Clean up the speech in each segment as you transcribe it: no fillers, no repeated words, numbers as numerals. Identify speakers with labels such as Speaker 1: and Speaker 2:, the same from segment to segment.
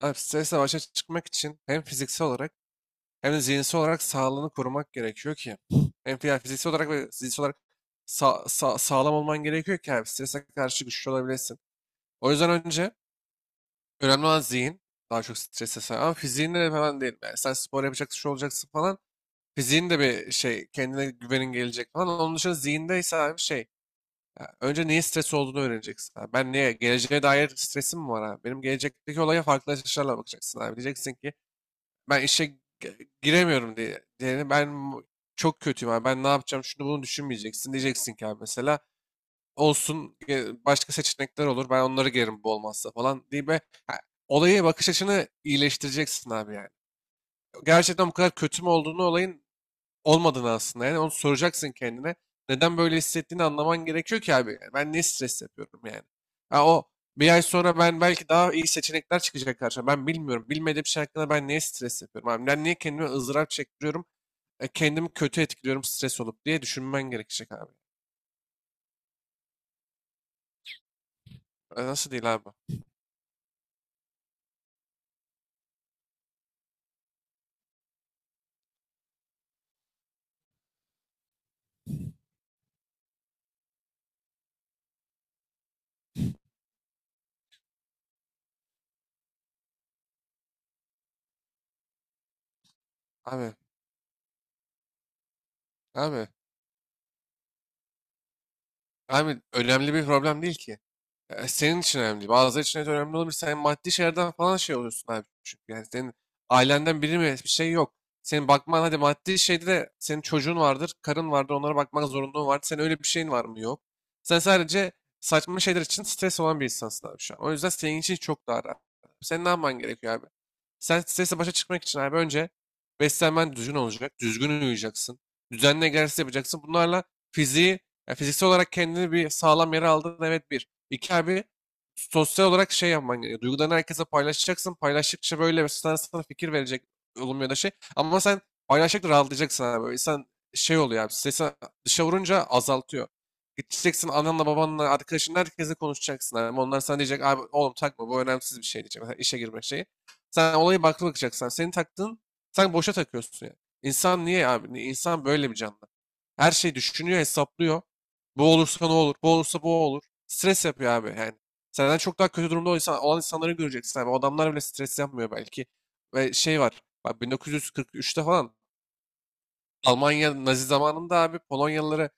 Speaker 1: Abi stresle başa çıkmak için hem fiziksel olarak hem de zihinsel olarak sağlığını korumak gerekiyor ki. Hem yani fiziksel olarak ve zihinsel olarak sağlam olman gerekiyor ki abi strese karşı güçlü olabilesin. O yüzden önce önemli olan zihin. Daha çok strese sahip. Ama fiziğinle de falan değil. Yani sen spor yapacaksın, şu olacaksın falan. Fiziğin de bir şey, kendine güvenin gelecek falan. Onun dışında zihindeyse abi şey. Ya önce niye stres olduğunu öğreneceksin abi. Ben niye? Geleceğe dair stresim mi var abi? Benim gelecekteki olaya farklı açılarla bakacaksın abi. Diyeceksin ki ben işe giremiyorum diye. Diğeri ben çok kötüyüm abi. Ben ne yapacağım şunu bunu düşünmeyeceksin. Diyeceksin ki abi mesela olsun, başka seçenekler olur. Ben onları girerim bu olmazsa falan diye be. Ha, olayı bakış açını iyileştireceksin abi yani. Gerçekten bu kadar kötü mü olduğunu olayın olmadığını aslında. Yani onu soracaksın kendine. Neden böyle hissettiğini anlaman gerekiyor ki abi. Yani ben ne stres yapıyorum yani. Ha, o bir ay sonra ben belki daha iyi seçenekler çıkacak karşıma. Ben bilmiyorum. Bilmediğim şey hakkında ben niye stres yapıyorum abi. Ben niye kendime ızdırap çektiriyorum. E, kendimi kötü etkiliyorum stres olup diye düşünmen gerekecek abi. E, nasıl değil abi? Abi, abi, abi, önemli bir problem değil ki. E, senin için önemli değil. Bazıları için evet önemli olabilir. Sen maddi şeylerden falan şey oluyorsun abi. Çünkü yani senin ailenden biri mi bir şey yok. Senin bakman hadi maddi şeyde de senin çocuğun vardır, karın vardır, onlara bakmak zorunluluğun vardır. Senin öyle bir şeyin var mı? Yok. Sen sadece saçma şeyler için stres olan bir insansın abi şu an. O yüzden senin için çok daha rahat. Senin ne yapman gerekiyor abi? Sen stresle başa çıkmak için abi önce beslenmen düzgün olacak, düzgün uyuyacaksın, düzenli egzersiz yapacaksın. Bunlarla fiziği, yani fiziksel olarak kendini bir sağlam yere aldın, evet, bir. İki abi sosyal olarak şey yapman gerekiyor. Duygularını herkese paylaşacaksın. Paylaştıkça böyle mesela sana fikir verecek, olumlu ya da şey. Ama sen paylaştıkça rahatlayacaksın abi. İnsan şey oluyor abi. Stresi dışa vurunca azaltıyor. Gideceksin ananla babanla arkadaşınla herkese konuşacaksın abi. Onlar sana diyecek abi oğlum takma bu önemsiz bir şey diyecek. Mesela işe girme şeyi. Sen olayı baklı bakacaksın. Senin taktığın sen boşa takıyorsun yani. İnsan niye abi? İnsan böyle bir canlı. Her şeyi düşünüyor, hesaplıyor. Bu olursa ne olur? Bu olursa bu olur. Stres yapıyor abi yani. Senden çok daha kötü durumda olan insanları göreceksin abi. O adamlar bile stres yapmıyor belki. Ve şey var. Bak 1943'te falan Almanya Nazi zamanında abi Polonyalıları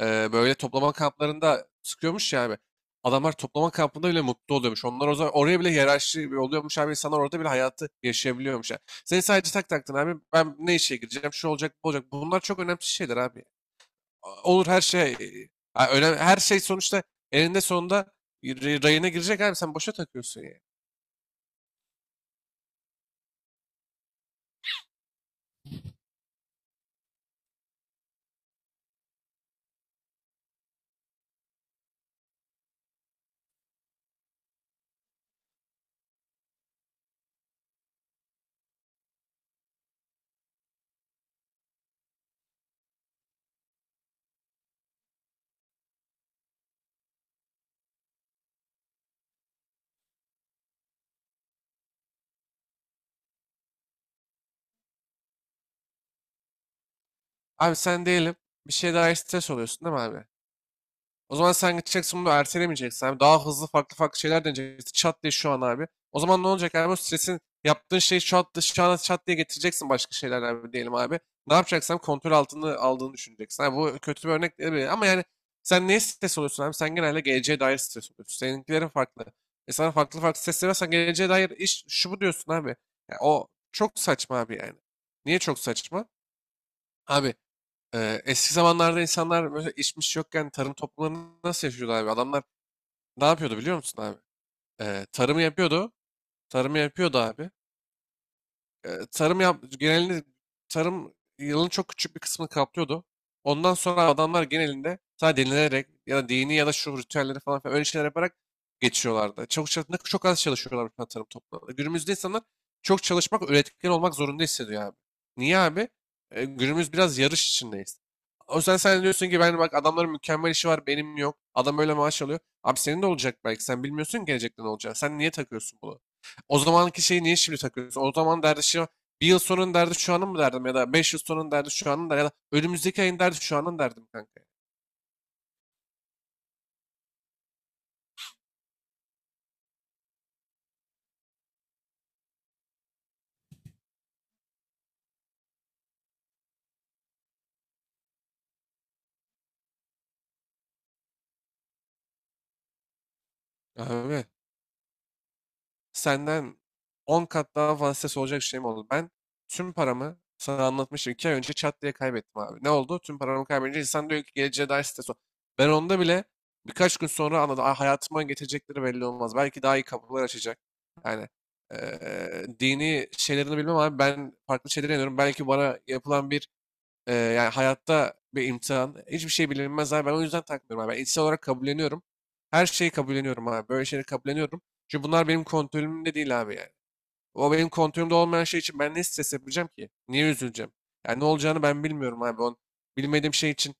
Speaker 1: böyle toplama kamplarında sıkıyormuş ya abi. Adamlar toplama kampında bile mutlu oluyormuş. Onlar o zaman oraya bile hiyerarşi oluyormuş abi. İnsanlar orada bile hayatı yaşayabiliyormuş. Yani. Seni sadece tak taktın abi. Ben ne işe gireceğim? Şu olacak, bu olacak. Bunlar çok önemli şeyler abi, olur her şey. Öyle her şey sonuçta eninde sonunda rayına girecek abi, sen boşa takıyorsun ya. Abi sen diyelim bir şey daha stres oluyorsun değil mi abi? O zaman sen gideceksin bunu ertelemeyeceksin abi. Daha hızlı farklı farklı şeyler deneyeceksin. Çat diye şu an abi. O zaman ne olacak abi? O stresin yaptığın şeyi çat, şu an çat diye getireceksin başka şeyler abi diyelim abi. Ne yapacaksan kontrol altında aldığını düşüneceksin. Abi bu kötü bir örnek değil ama yani sen neye stres oluyorsun abi? Sen genelde geleceğe dair stres oluyorsun. Seninkilerin farklı. E, sana farklı farklı stresler varsa geleceğe dair iş şu bu diyorsun abi. Ya o çok saçma abi yani. Niye çok saçma? Abi, eski zamanlarda insanlar böyle içmiş yokken tarım toplumlarını nasıl yaşıyordu abi? Adamlar ne yapıyordu biliyor musun abi? Tarımı yapıyordu. Tarımı yapıyordu abi, tarım yap genelinde tarım yılın çok küçük bir kısmını kaplıyordu. Ondan sonra adamlar genelinde sadece dinlenerek ya da dini ya da şu ritüelleri falan filan öyle şeyler yaparak geçiyorlardı. Çok az çalışıyorlar mesela tarım toplumlarında. Günümüzde insanlar çok çalışmak, üretken olmak zorunda hissediyor abi. Niye abi? E, günümüz biraz yarış içindeyiz. O yüzden sen diyorsun ki ben bak adamların mükemmel işi var benim yok. Adam öyle maaş alıyor. Abi senin de olacak, belki sen bilmiyorsun ki gelecekte ne olacak. Sen niye takıyorsun bunu? O zamanki şeyi niye şimdi takıyorsun? O zaman derdi şey o, bir yıl sonun derdi şu anın mı derdim ya da 5 yıl sonun derdi şu anın da ya da önümüzdeki ayın derdi şu anın derdim kanka. Abi senden 10 kat daha fazla stres olacak şey mi oldu? Ben tüm paramı sana anlatmıştım. 2 ay önce çat diye kaybettim abi. Ne oldu? Tüm paramı kaybedince insan diyor ki geleceğe dair stres ol. Ben onda bile birkaç gün sonra anladım. "Aa, hayatıma getirecekleri belli olmaz. Belki daha iyi kapılar açacak." Yani dini şeylerini bilmem abi. Ben farklı şeylere inanıyorum. Belki bana yapılan bir yani hayatta bir imtihan. Hiçbir şey bilinmez abi. Ben o yüzden takmıyorum abi. Ben içsel olarak kabulleniyorum. Her şeyi kabulleniyorum abi. Böyle şeyleri kabulleniyorum. Çünkü bunlar benim kontrolümde değil abi yani. O benim kontrolümde olmayan şey için ben ne stres yapacağım ki? Niye üzüleceğim? Yani ne olacağını ben bilmiyorum abi. Bilmediğim şey için,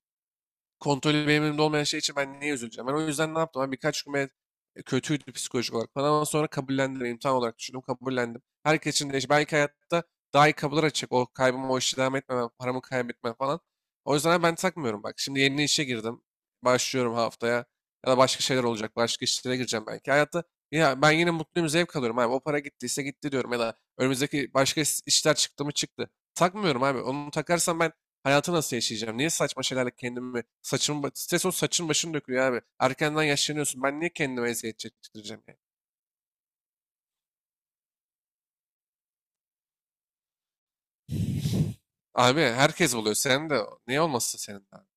Speaker 1: kontrolü benim elimde olmayan şey için ben niye üzüleceğim? Ben o yüzden ne yaptım? Ben birkaç gün kötüydü psikolojik olarak falan, ama sonra kabullendim. İmtihan olarak düşündüm, kabullendim. Herkes için değişir. Belki hayatta daha iyi kapılar açacak. O kaybımı, o işi devam etmemem, paramı kaybetmem falan. O yüzden ben takmıyorum bak. Şimdi yeni işe girdim. Başlıyorum haftaya. Ya da başka şeyler olacak. Başka işlere gireceğim belki. Hayatta ya ben yine mutluyum, zevk alıyorum abi. O para gittiyse gitti diyorum. Ya da önümüzdeki başka işler çıktı mı çıktı. Takmıyorum abi. Onu takarsam ben hayatı nasıl yaşayacağım? Niye saçma şeylerle kendimi saçımı stres, o saçın başını dökülüyor abi. Erkenden yaşlanıyorsun. Ben niye kendime eziyet çektireceğim yani? Abi herkes oluyor. Sen de niye olmasın senin de abi?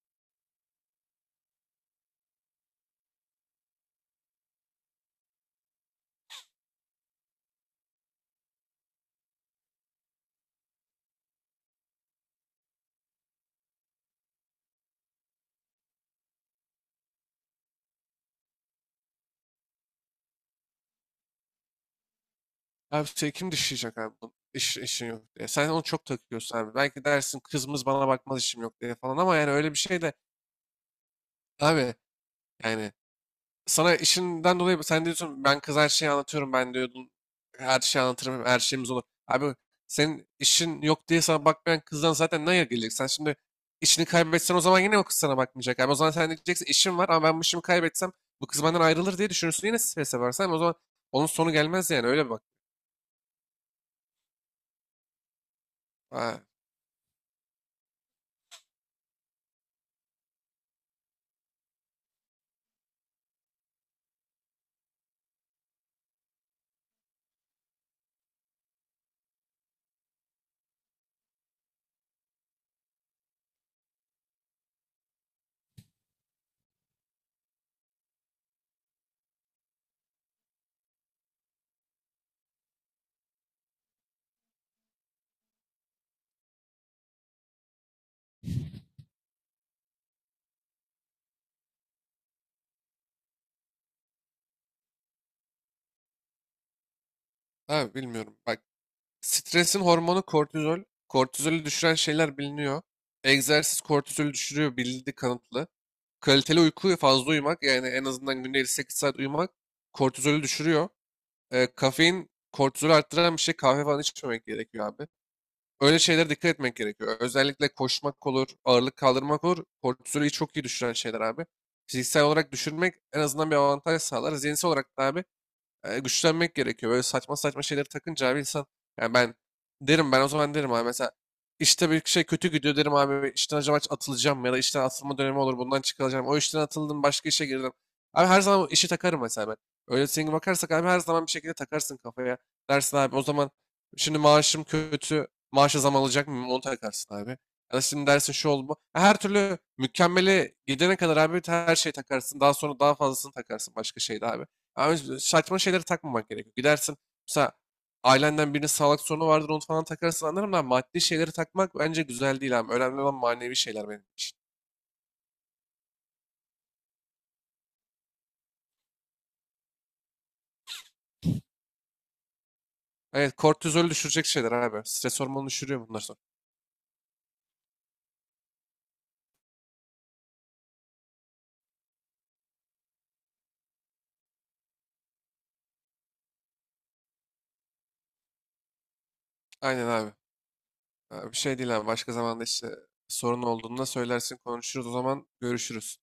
Speaker 1: Abi seni kim dışlayacak abi? Bu işin yok diye. Sen onu çok takıyorsun abi. Belki dersin kızımız bana bakmaz işim yok diye falan ama yani öyle bir şey de abi, yani sana işinden dolayı sen diyorsun ben kız her şeyi anlatıyorum ben diyordun, her şeyi anlatırım her şeyimiz olur. Abi senin işin yok diye sana bakmayan kızdan zaten ne gelecek? Sen şimdi işini kaybetsen o zaman yine o kız sana bakmayacak. Abi o zaman sen diyeceksin işim var ama ben bu işimi kaybetsem bu kız benden ayrılır diye düşünürsün, yine strese varsan o zaman onun sonu gelmez yani, öyle bak. Ha, ha, bilmiyorum bak, stresin hormonu kortizol. Kortizolü düşüren şeyler biliniyor. Egzersiz kortizolü düşürüyor bildi kanıtlı. Kaliteli uyku, fazla uyumak, yani en azından günde 7-8 saat uyumak kortizolü düşürüyor. Kafein kortizolü arttıran bir şey, kahve falan içmemek gerekiyor abi. Öyle şeylere dikkat etmek gerekiyor. Özellikle koşmak olur, ağırlık kaldırmak olur. Kortizolü çok iyi düşüren şeyler abi. Fiziksel olarak düşürmek en azından bir avantaj sağlar. Zihinsel olarak da abi güçlenmek gerekiyor. Böyle saçma saçma şeyleri takınca abi insan, yani ben derim ben o zaman derim abi mesela işte bir şey kötü gidiyor derim abi işten acaba atılacağım mı? Ya da işten atılma dönemi olur bundan çıkılacağım. O işten atıldım başka işe girdim. Abi her zaman o işi takarım mesela ben. Öyle senin bakarsak abi her zaman bir şekilde takarsın kafaya. Dersin abi o zaman şimdi maaşım kötü maaşa zam alacak mıyım onu takarsın abi. Ya da şimdi dersin şu oldu bu. Her türlü mükemmele gidene kadar abi her şeyi takarsın. Daha sonra daha fazlasını takarsın başka şeyde abi. Abi saçma şeylere takmamak gerekiyor. Gidersin mesela ailenden birinin sağlık sorunu vardır onu falan takarsın anlarım da, maddi şeyleri takmak bence güzel değil abi. Önemli olan manevi şeyler benim için. Evet, kortizolü düşürecek şeyler abi. Stres hormonunu düşürüyor bunlar sonra. Aynen abi. Ha, bir şey değil abi. Başka zamanda işte sorun olduğunda söylersin konuşuruz, o zaman görüşürüz.